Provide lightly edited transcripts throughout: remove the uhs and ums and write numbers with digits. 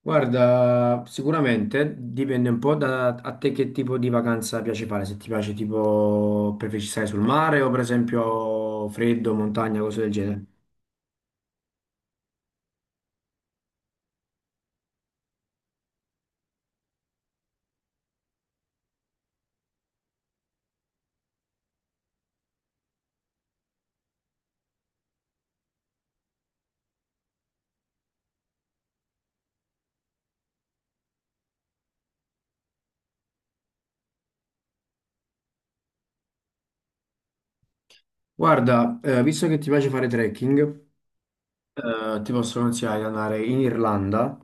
Guarda, sicuramente dipende un po' da a te che tipo di vacanza piace fare, se ti piace tipo preferisci stare sul mare o per esempio freddo, montagna, cose del genere. Guarda, visto che ti piace fare trekking, ti posso consigliare di andare in Irlanda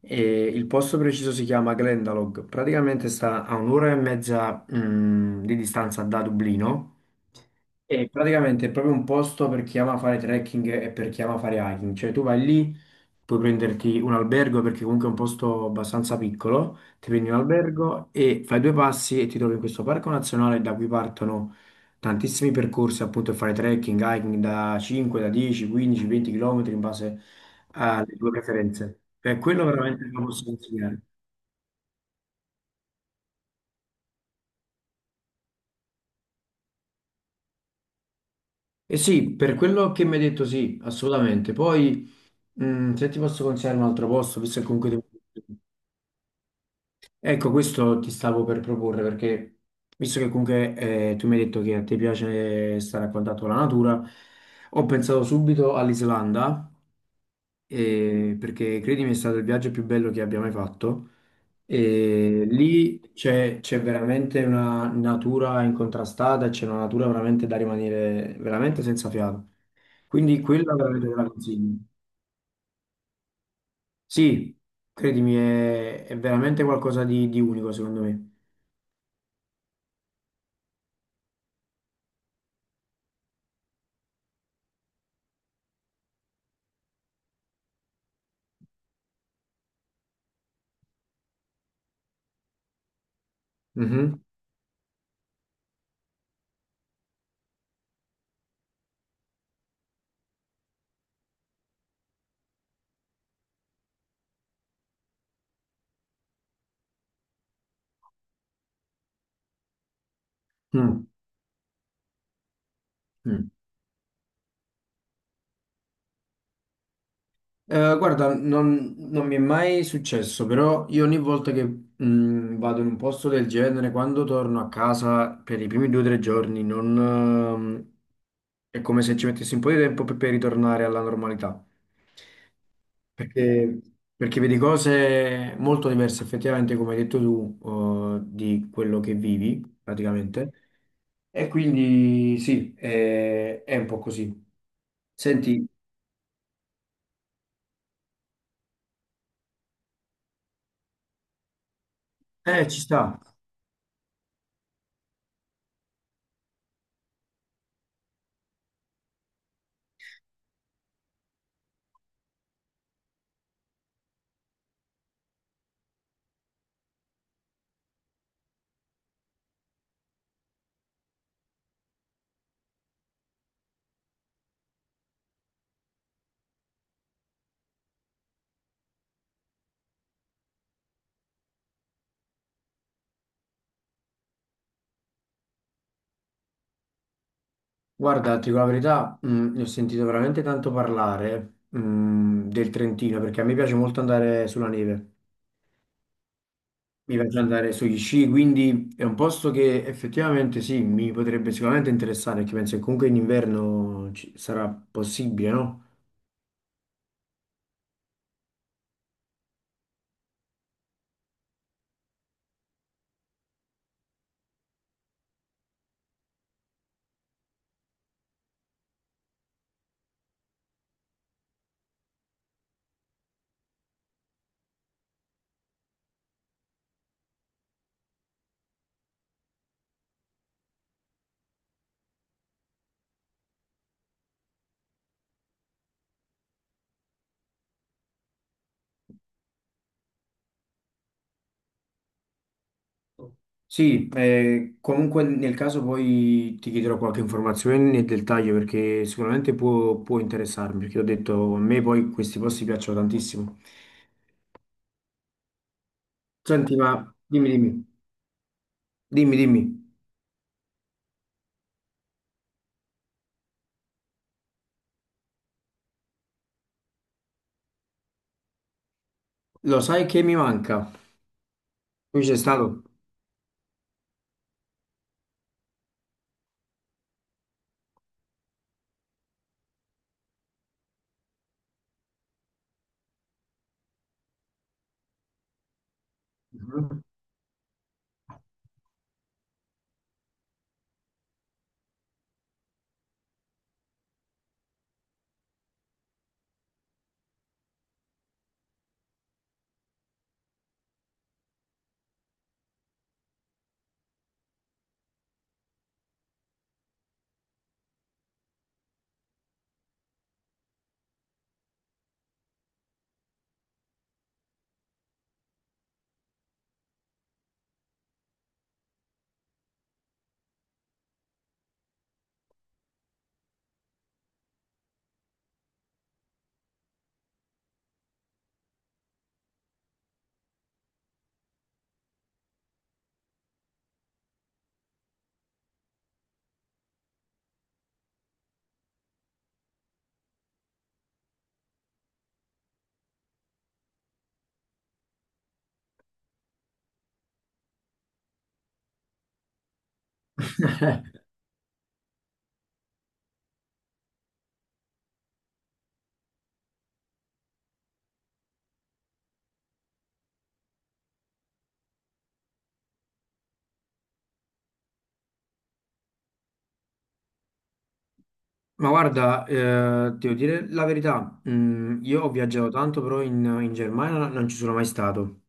e il posto preciso si chiama Glendalough. Praticamente sta a un'ora e mezza, di distanza da Dublino. E praticamente è proprio un posto per chi ama fare trekking e per chi ama fare hiking, cioè tu vai lì, puoi prenderti un albergo perché comunque è un posto abbastanza piccolo, ti prendi un albergo e fai due passi e ti trovi in questo parco nazionale da cui partono tantissimi percorsi appunto per fare trekking, hiking da 5, da 10, 15, 20 km in base alle tue preferenze. Per quello veramente te lo posso consigliare. Eh sì, per quello che mi hai detto sì, assolutamente. Poi, se ti posso consigliare un altro posto, visto che comunque... ti- Ecco, questo ti stavo per proporre, perché visto che comunque tu mi hai detto che a te piace stare a contatto con la natura, ho pensato subito all'Islanda, perché credimi è stato il viaggio più bello che abbia mai fatto. E lì c'è veramente una natura incontrastata, c'è una natura veramente da rimanere veramente senza fiato. Quindi quella veramente te la consiglio. Sì, credimi, è veramente qualcosa di unico secondo me. Mhm. Mm, mm. Guarda, non mi è mai successo, però io ogni volta che vado in un posto del genere, quando torno a casa per i primi due o tre giorni, non, è come se ci mettessi un po' di tempo per ritornare alla normalità. Perché, Perché vedi cose molto diverse effettivamente, come hai detto tu, di quello che vivi praticamente. E quindi sì, è un po' così. Senti, ci sta. Guarda, ti dico la verità, ne ho sentito veramente tanto parlare, del Trentino, perché a me piace molto andare sulla neve. Mi piace andare sugli sci, quindi è un posto che effettivamente sì, mi potrebbe sicuramente interessare, perché penso che comunque in inverno sarà possibile, no? Sì, comunque nel caso poi ti chiederò qualche informazione nel dettaglio perché sicuramente può interessarmi, perché ho detto a me poi questi posti piacciono tantissimo. Senti, ma dimmi, dimmi, dimmi, lo sai che mi manca? Tu ci sei stato? Ma guarda, devo dire la verità, mm, io ho viaggiato tanto, però in Germania non ci sono mai stato.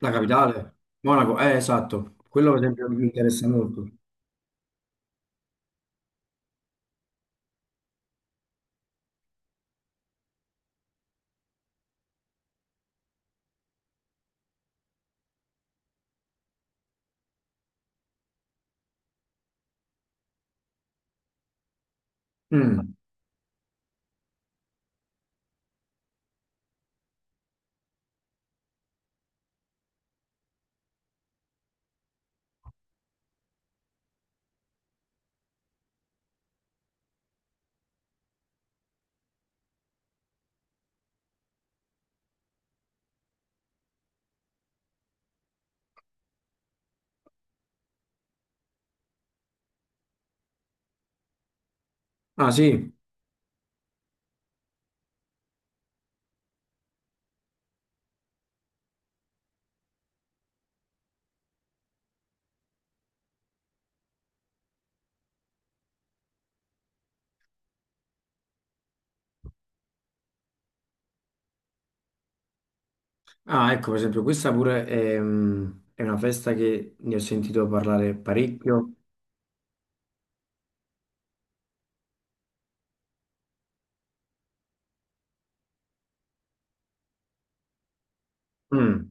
La capitale? Monaco, esatto, quello per esempio mi interessa molto. Mm. Ah sì, ah ecco per esempio questa pure è una festa che ne ho sentito parlare parecchio. Mm.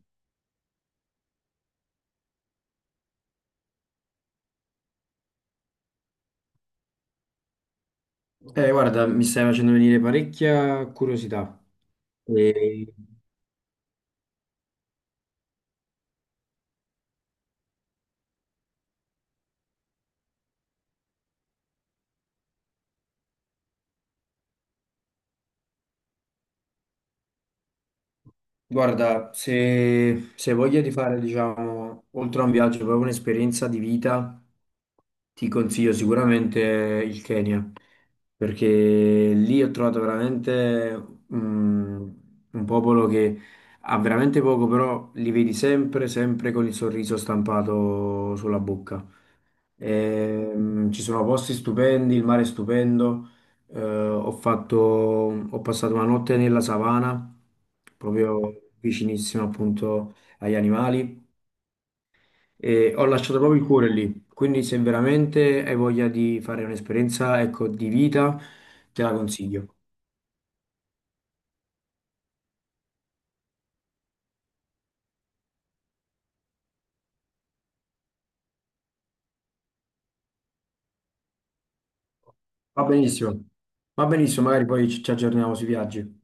Guarda, mi stai facendo venire parecchia curiosità. E, guarda, se hai voglia di fare, diciamo, oltre a un viaggio, proprio un'esperienza di vita. Ti consiglio sicuramente il Kenya, perché lì ho trovato veramente mm, un popolo che ha veramente poco, però li vedi sempre, sempre con il sorriso stampato sulla bocca. Ci sono posti stupendi, il mare è stupendo. Ho passato una notte nella savana, proprio vicinissimo appunto agli animali. E ho lasciato proprio il cuore lì, quindi se veramente hai voglia di fare un'esperienza, ecco, di vita, te la consiglio. Va benissimo. Va benissimo, magari poi ci aggiorniamo sui viaggi.